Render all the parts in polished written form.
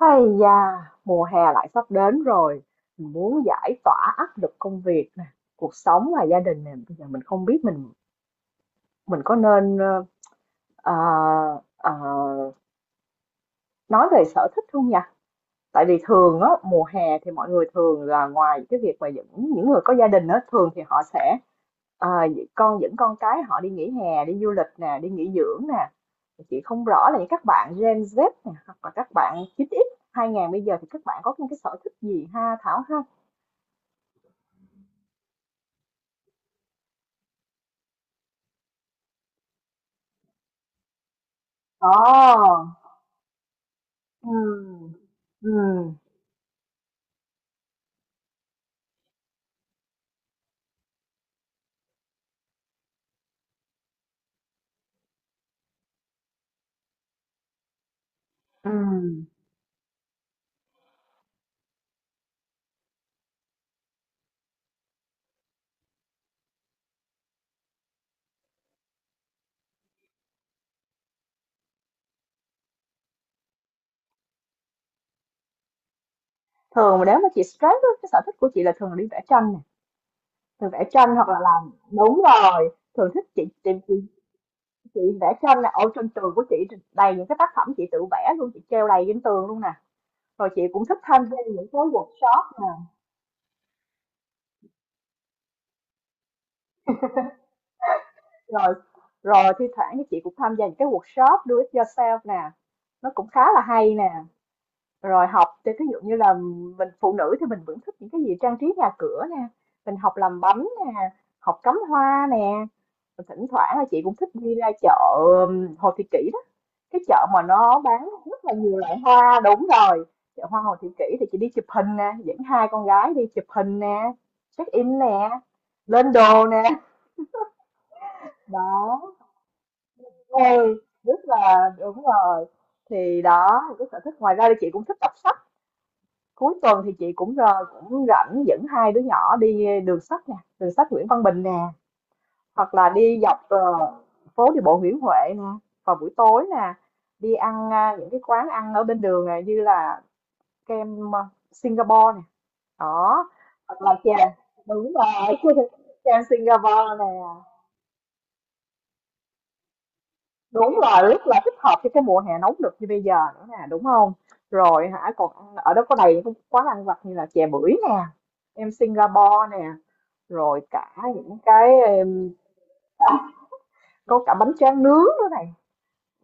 Hay da, mùa hè lại sắp đến rồi, mình muốn giải tỏa áp lực công việc nè, cuộc sống và gia đình nè, bây giờ mình không biết mình có nên ờ, ờ, nói về sở thích không nhỉ? Tại vì thường á mùa hè thì mọi người thường là ngoài cái việc mà những người có gia đình á thường thì họ sẽ à, con dẫn con cái họ đi nghỉ hè, đi du lịch nè, đi nghỉ dưỡng nè. Chị không rõ là những các bạn Gen Z nè hoặc là các bạn 9X 2000 bây giờ thì các bạn có những cái sở thích gì ha Thảo ha? Ồ. Ừ. Ừ. Ừ. Thường mà nếu mà chị stress á, cái sở thích của chị là thường là đi vẽ tranh nè, thường vẽ tranh hoặc là làm, đúng rồi, thường thích. Chị chị vẽ tranh là ở trên tường của chị đầy những cái tác phẩm chị tự vẽ luôn, chị treo đầy trên tường luôn nè. Rồi chị cũng thích tham gia những cái workshop nè. Rồi rồi thi thoảng thì chị cũng tham gia những cái workshop do it yourself nè, nó cũng khá là hay nè. Rồi học thì ví dụ như là mình phụ nữ thì mình vẫn thích những cái gì trang trí nhà cửa nè, mình học làm bánh nè, học cắm hoa nè. Rồi thỉnh thoảng là chị cũng thích đi ra chợ Hồ Thị Kỷ, cái chợ mà nó bán rất là nhiều loại hoa, đúng rồi. Chợ hoa Hồ Thị Kỷ thì chị đi chụp hình nè, dẫn hai con gái đi chụp hình nè, check in nè, lên đồ nè. Đó. Ê, rất là đúng rồi. Thì đó là cái sở thích, ngoài ra thì chị cũng thích đọc sách. Cuối tuần thì chị cũng rồi cũng rảnh dẫn hai đứa nhỏ đi đường sách nè, đường sách Nguyễn Văn Bình nè, hoặc là đi dọc phố đi bộ Nguyễn Huệ nè, vào buổi tối nè, đi ăn những cái quán ăn ở bên đường này, như là kem, Singapore này. Đó, hoặc là chè, đúng rồi, kem Singapore nè, đúng là rất là thích hợp cho cái mùa hè nóng được như bây giờ nữa nè, đúng không? Rồi hả, còn ăn ở đó có đầy những cái quán ăn vặt như là chè bưởi nè, em Singapore nè, rồi cả những cái, có cả bánh tráng nướng nữa này,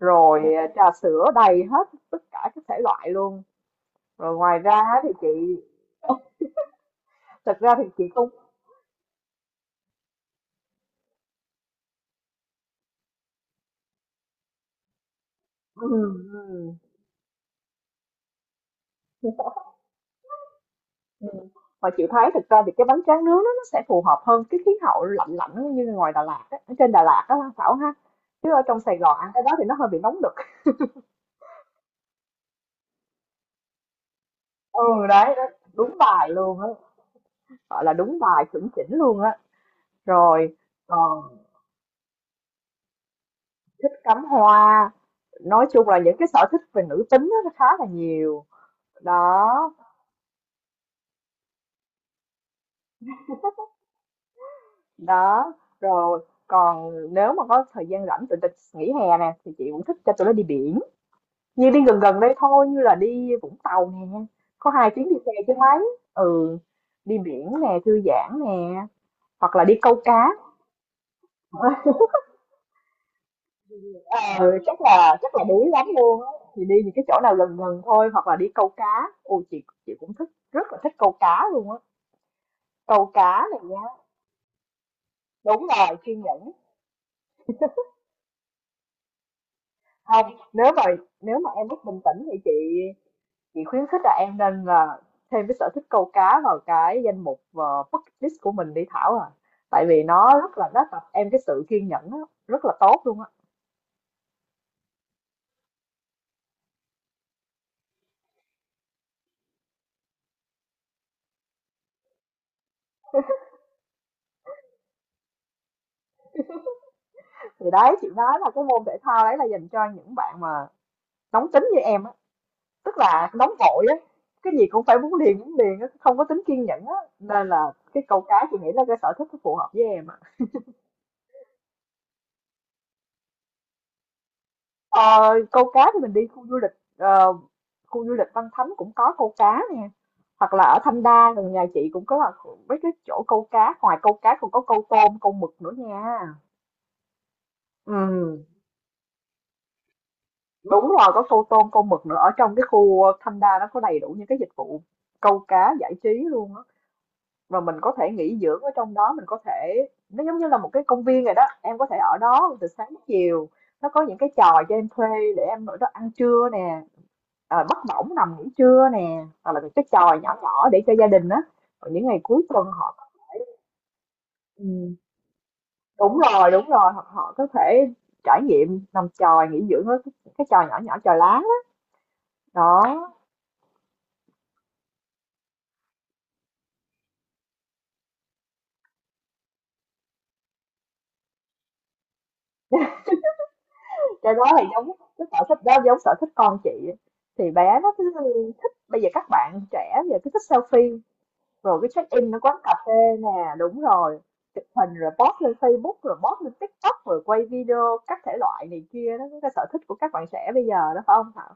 rồi, trà sữa đầy hết tất cả các thể loại luôn. Rồi ngoài ra thì chị, thật ra thì chị cũng ừm, ừm. Ừm, mà chị thấy thực ra thì cái bánh tráng nướng đó nó sẽ phù hợp hơn cái khí hậu lạnh lạnh như ngoài Đà Lạt á, ở trên Đà Lạt á ha Thảo ha. Chứ ở trong Sài Gòn ăn cái đó thì nó hơi bị nóng đực. Ừ, đấy, đó, đúng bài luôn á, gọi là đúng bài chuẩn chỉnh luôn á. Rồi còn thích cắm hoa, nói chung là những cái sở thích về nữ tính á, nó khá là nhiều. Đó, đó, rồi còn nếu mà có thời gian rảnh tụi tịch nghỉ hè nè thì chị cũng thích cho tụi nó đi biển. Như đi gần gần đây thôi, như là đi Vũng Tàu nè, có 2 tiếng đi xe chứ mấy. Ừ, đi biển nè, thư giãn nè, hoặc là đi câu cá. À ừ, chắc là đuối lắm luôn á. Thì đi những cái chỗ nào gần gần thôi, hoặc là đi câu cá. Ôi, chị cũng thích, rất là thích câu cá luôn á. Câu cá này nha, đúng rồi, kiên nhẫn. Không, nếu mà nếu mà em mất bình tĩnh thì chị khuyến khích là em nên là thêm cái sở thích câu cá vào cái danh mục bucket list của mình đi Thảo à, tại vì nó rất là nó tập em cái sự kiên nhẫn á, rất là tốt luôn á. Thì đấy chị nói là cái môn thể thao đấy là dành cho những bạn mà nóng tính như em á, tức là nóng vội á, cái gì cũng phải muốn liền á, không có tính kiên nhẫn á, nên là cái câu cá chị nghĩ là cái sở thích nó phù hợp với em á. Ờ, câu cá thì mình đi khu du lịch, ờ, khu du lịch Văn Thánh cũng có câu cá nè, hoặc là ở Thanh Đa gần nhà chị cũng có là mấy cái chỗ câu cá, ngoài câu cá còn có câu tôm câu mực nữa nha. Ừ, đúng rồi, có câu tôm câu mực nữa. Ở trong cái khu Thanh Đa nó có đầy đủ những cái dịch vụ câu cá giải trí luôn á, và mình có thể nghỉ dưỡng ở trong đó, mình có thể, nó giống như là một cái công viên rồi đó, em có thể ở đó từ sáng đến chiều, nó có những cái trò cho em thuê để em ở đó ăn trưa nè, bắt bỏng nằm nghỉ trưa nè, hoặc là cái chòi nhỏ nhỏ để cho gia đình á. Còn những ngày cuối tuần họ, ừ, đúng rồi hoặc họ có thể trải nghiệm nằm chòi nghỉ dưỡng ở cái chòi nhỏ nhỏ chòi lá á. Đó, cái đó thì giống cái sở thích đó, giống sở thích con chị, thì bé nó cứ thích, bây giờ các bạn trẻ giờ cứ thích selfie rồi cái check in ở quán cà phê nè, đúng rồi, chụp hình rồi post lên Facebook rồi post lên TikTok rồi quay video các thể loại này kia, đó cái sở thích của các bạn trẻ bây giờ đó, phải không Thảo?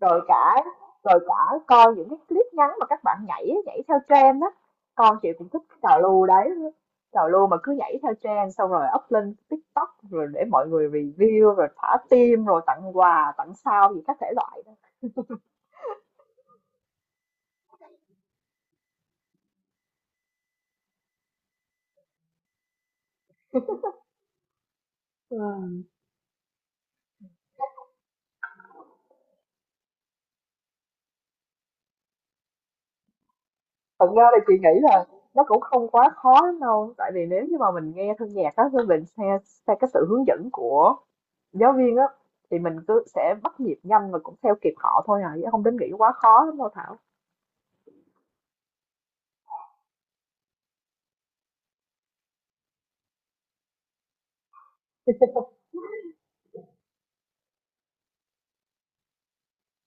Rồi cả rồi cả coi những cái clip ngắn mà các bạn nhảy nhảy theo trend á, con chị cũng thích cái trào lưu đấy, trào lưu mà cứ nhảy theo trend xong rồi up lên TikTok rồi để mọi người review rồi thả tim rồi tặng quà tặng sao gì các thể loại đó. Vâng. Thật ra thì chị nghĩ là nó cũng không quá khó lắm đâu, tại vì nếu như mà mình nghe thân nhạc á, mình theo cái sự hướng dẫn của giáo viên á thì mình cứ sẽ bắt nhịp nhanh và cũng theo kịp họ thôi à, chứ không đến nghĩ quá khó lắm đâu Thảo.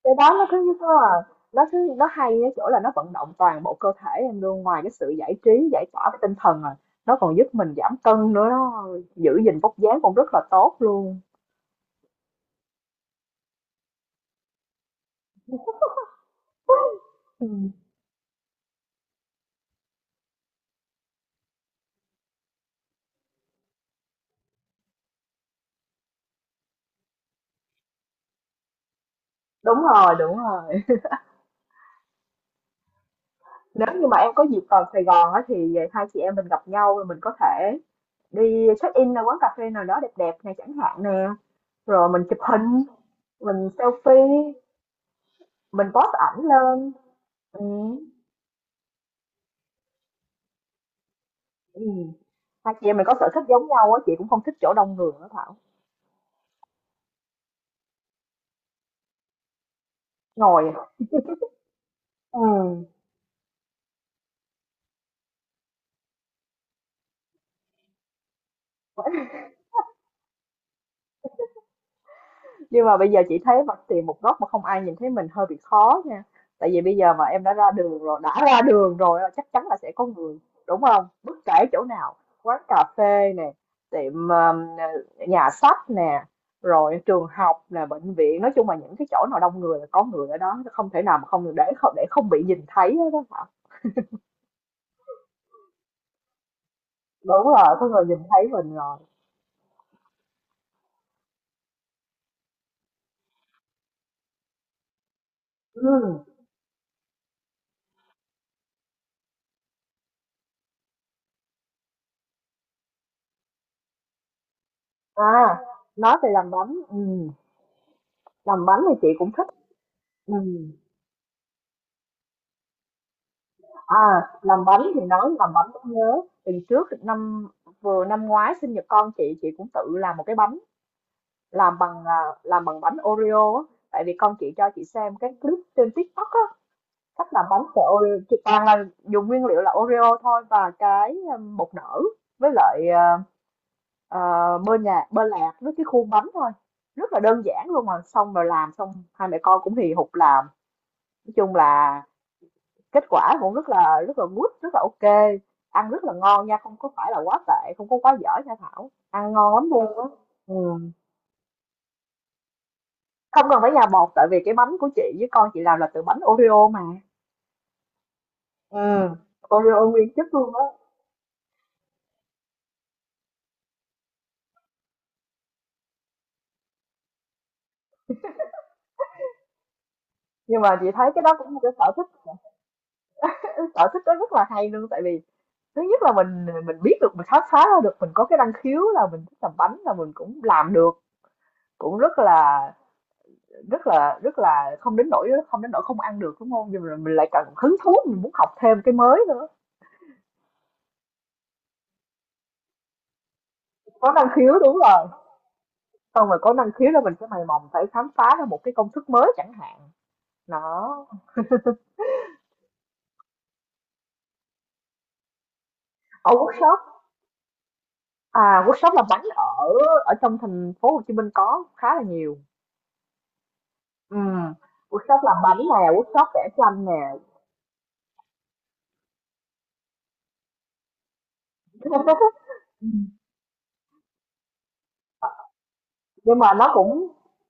Cái đó nó cứ như có là, nó cứ nó hay ở chỗ là nó vận động toàn bộ cơ thể em luôn, ngoài cái sự giải trí giải tỏa với tinh thần rồi, nó còn giúp mình giảm cân nữa đó, giữ gìn vóc dáng cũng rất là tốt luôn. Ừ. Đúng rồi. Nếu như mà em có dịp vào Sài Gòn á thì hai chị em mình gặp nhau rồi mình có thể đi check in ở quán cà phê nào đó đẹp đẹp này chẳng hạn nè, rồi mình chụp hình, mình selfie, mình post ảnh lên. Ừ. Ừ. Hai chị em mình có sở thích giống nhau á, chị cũng không thích chỗ đông người đó. Ngồi à? Ừm, nhưng mà bây giờ chị thấy mà tìm một góc mà không ai nhìn thấy mình hơi bị khó nha. Tại vì bây giờ mà em đã ra đường rồi, đã ra đường rồi là chắc chắn là sẽ có người, đúng không? Bất kể chỗ nào, quán cà phê nè, tiệm nhà sách nè, rồi trường học nè, bệnh viện, nói chung là những cái chỗ nào đông người là có người ở đó, không thể nào mà không bị nhìn thấy hết đó hả? Đúng rồi, có người nhìn thấy mình rồi. Ừ. À, nói về làm bánh, ừ. Làm bánh thì chị cũng thích. Ừ. À, làm bánh thì nói làm bánh cũng nhớ. Tuần trước năm năm ngoái sinh nhật con chị cũng tự làm một cái bánh, làm bằng làm bằng bánh Oreo á. Tại vì con chị cho chị xem cái clip trên TikTok á, cách làm bánh của Oreo. Chị toàn là dùng nguyên liệu là Oreo thôi và cái bột nở với lại à, bơ nhạt, bơ lạc với cái khuôn bánh thôi. Rất là đơn giản luôn, mà xong rồi làm xong hai mẹ con cũng hì hục làm. Nói chung là kết quả cũng rất là good, rất là ok, ăn rất là ngon nha, không có phải là quá tệ, không có quá dở nha Thảo, ăn ngon lắm luôn á. Ừ. Không cần phải nhà bột tại vì cái bánh của chị với con chị làm là từ bánh Oreo mà. Ừ. Oreo nguyên chất luôn á. Nhưng mà chị thấy cái đó cũng một cái sở thích, cái sở thích đó rất là hay luôn, tại vì thứ nhất là mình biết được, mình khám phá ra được mình có cái năng khiếu là mình thích làm bánh, là mình cũng làm được, cũng rất là, rất là không đến nỗi, không đến nỗi không ăn được, đúng không? Nhưng mà mình lại cần hứng thú, mình muốn học thêm cái mới nữa. Có năng khiếu, đúng rồi, xong rồi có năng khiếu là mình sẽ mày mò phải khám phá ra một cái công thức mới chẳng hạn. Đó, ở workshop, à, workshop làm bánh ở ở trong thành phố Hồ Chí Minh có khá là nhiều. Ừm, workshop làm bánh nè, workshop vẽ tranh nè. Nhưng mà nó cũng,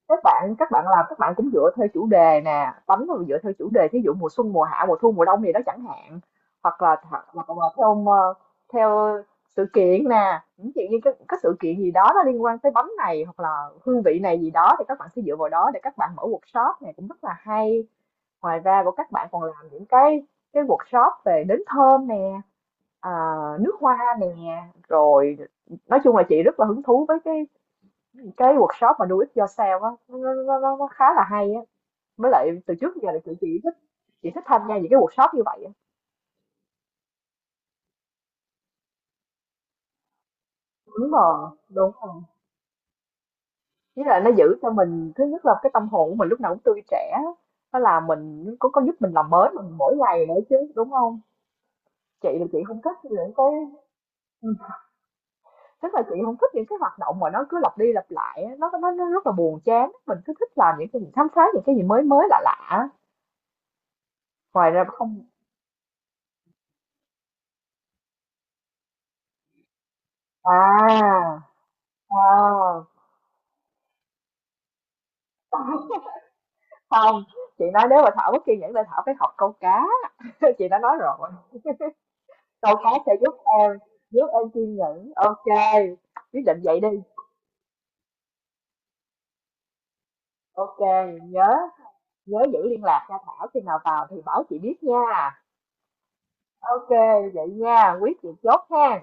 các bạn làm, các bạn cũng dựa theo chủ đề nè, bánh nó dựa theo chủ đề thí dụ mùa xuân, mùa hạ, mùa thu, mùa đông gì đó chẳng hạn. Hoặc là theo theo sự kiện nè, những chuyện như các sự kiện gì đó nó liên quan tới bánh này hoặc là hương vị này gì đó thì các bạn sẽ dựa vào đó để các bạn mở workshop này, cũng rất là hay. Ngoài ra của các bạn còn làm những cái workshop về nến thơm nè, à, nước hoa nè, rồi nói chung là chị rất là hứng thú với cái workshop mà Do It Yourself á, nó khá là hay á. Mới lại từ trước giờ là chị thích, chị thích tham gia những cái workshop như vậy á. Đúng rồi. Chứ lại nó giữ cho mình thứ nhất là cái tâm hồn của mình lúc nào cũng tươi trẻ, nó làm mình có giúp mình làm mới mình mỗi ngày nữa chứ, đúng không? Chị là chị không thích những cái, ừ, tức là chị không thích những cái hoạt động mà nó cứ lặp đi lặp lại á, nó rất là buồn chán, mình cứ thích làm những cái gì khám phá những cái gì mới mới lạ lạ. Ngoài ra không. À. À. Không, chị nói nếu mà Thảo mất kiên nhẫn thì Thảo phải học câu cá. Chị đã nói rồi, câu cá sẽ giúp em, giúp em kiên nhẫn. OK, quyết định vậy đi. OK, nhớ nhớ giữ liên lạc nha Thảo, khi nào vào thì báo chị biết nha. OK, vậy nha, quyết chị chốt ha.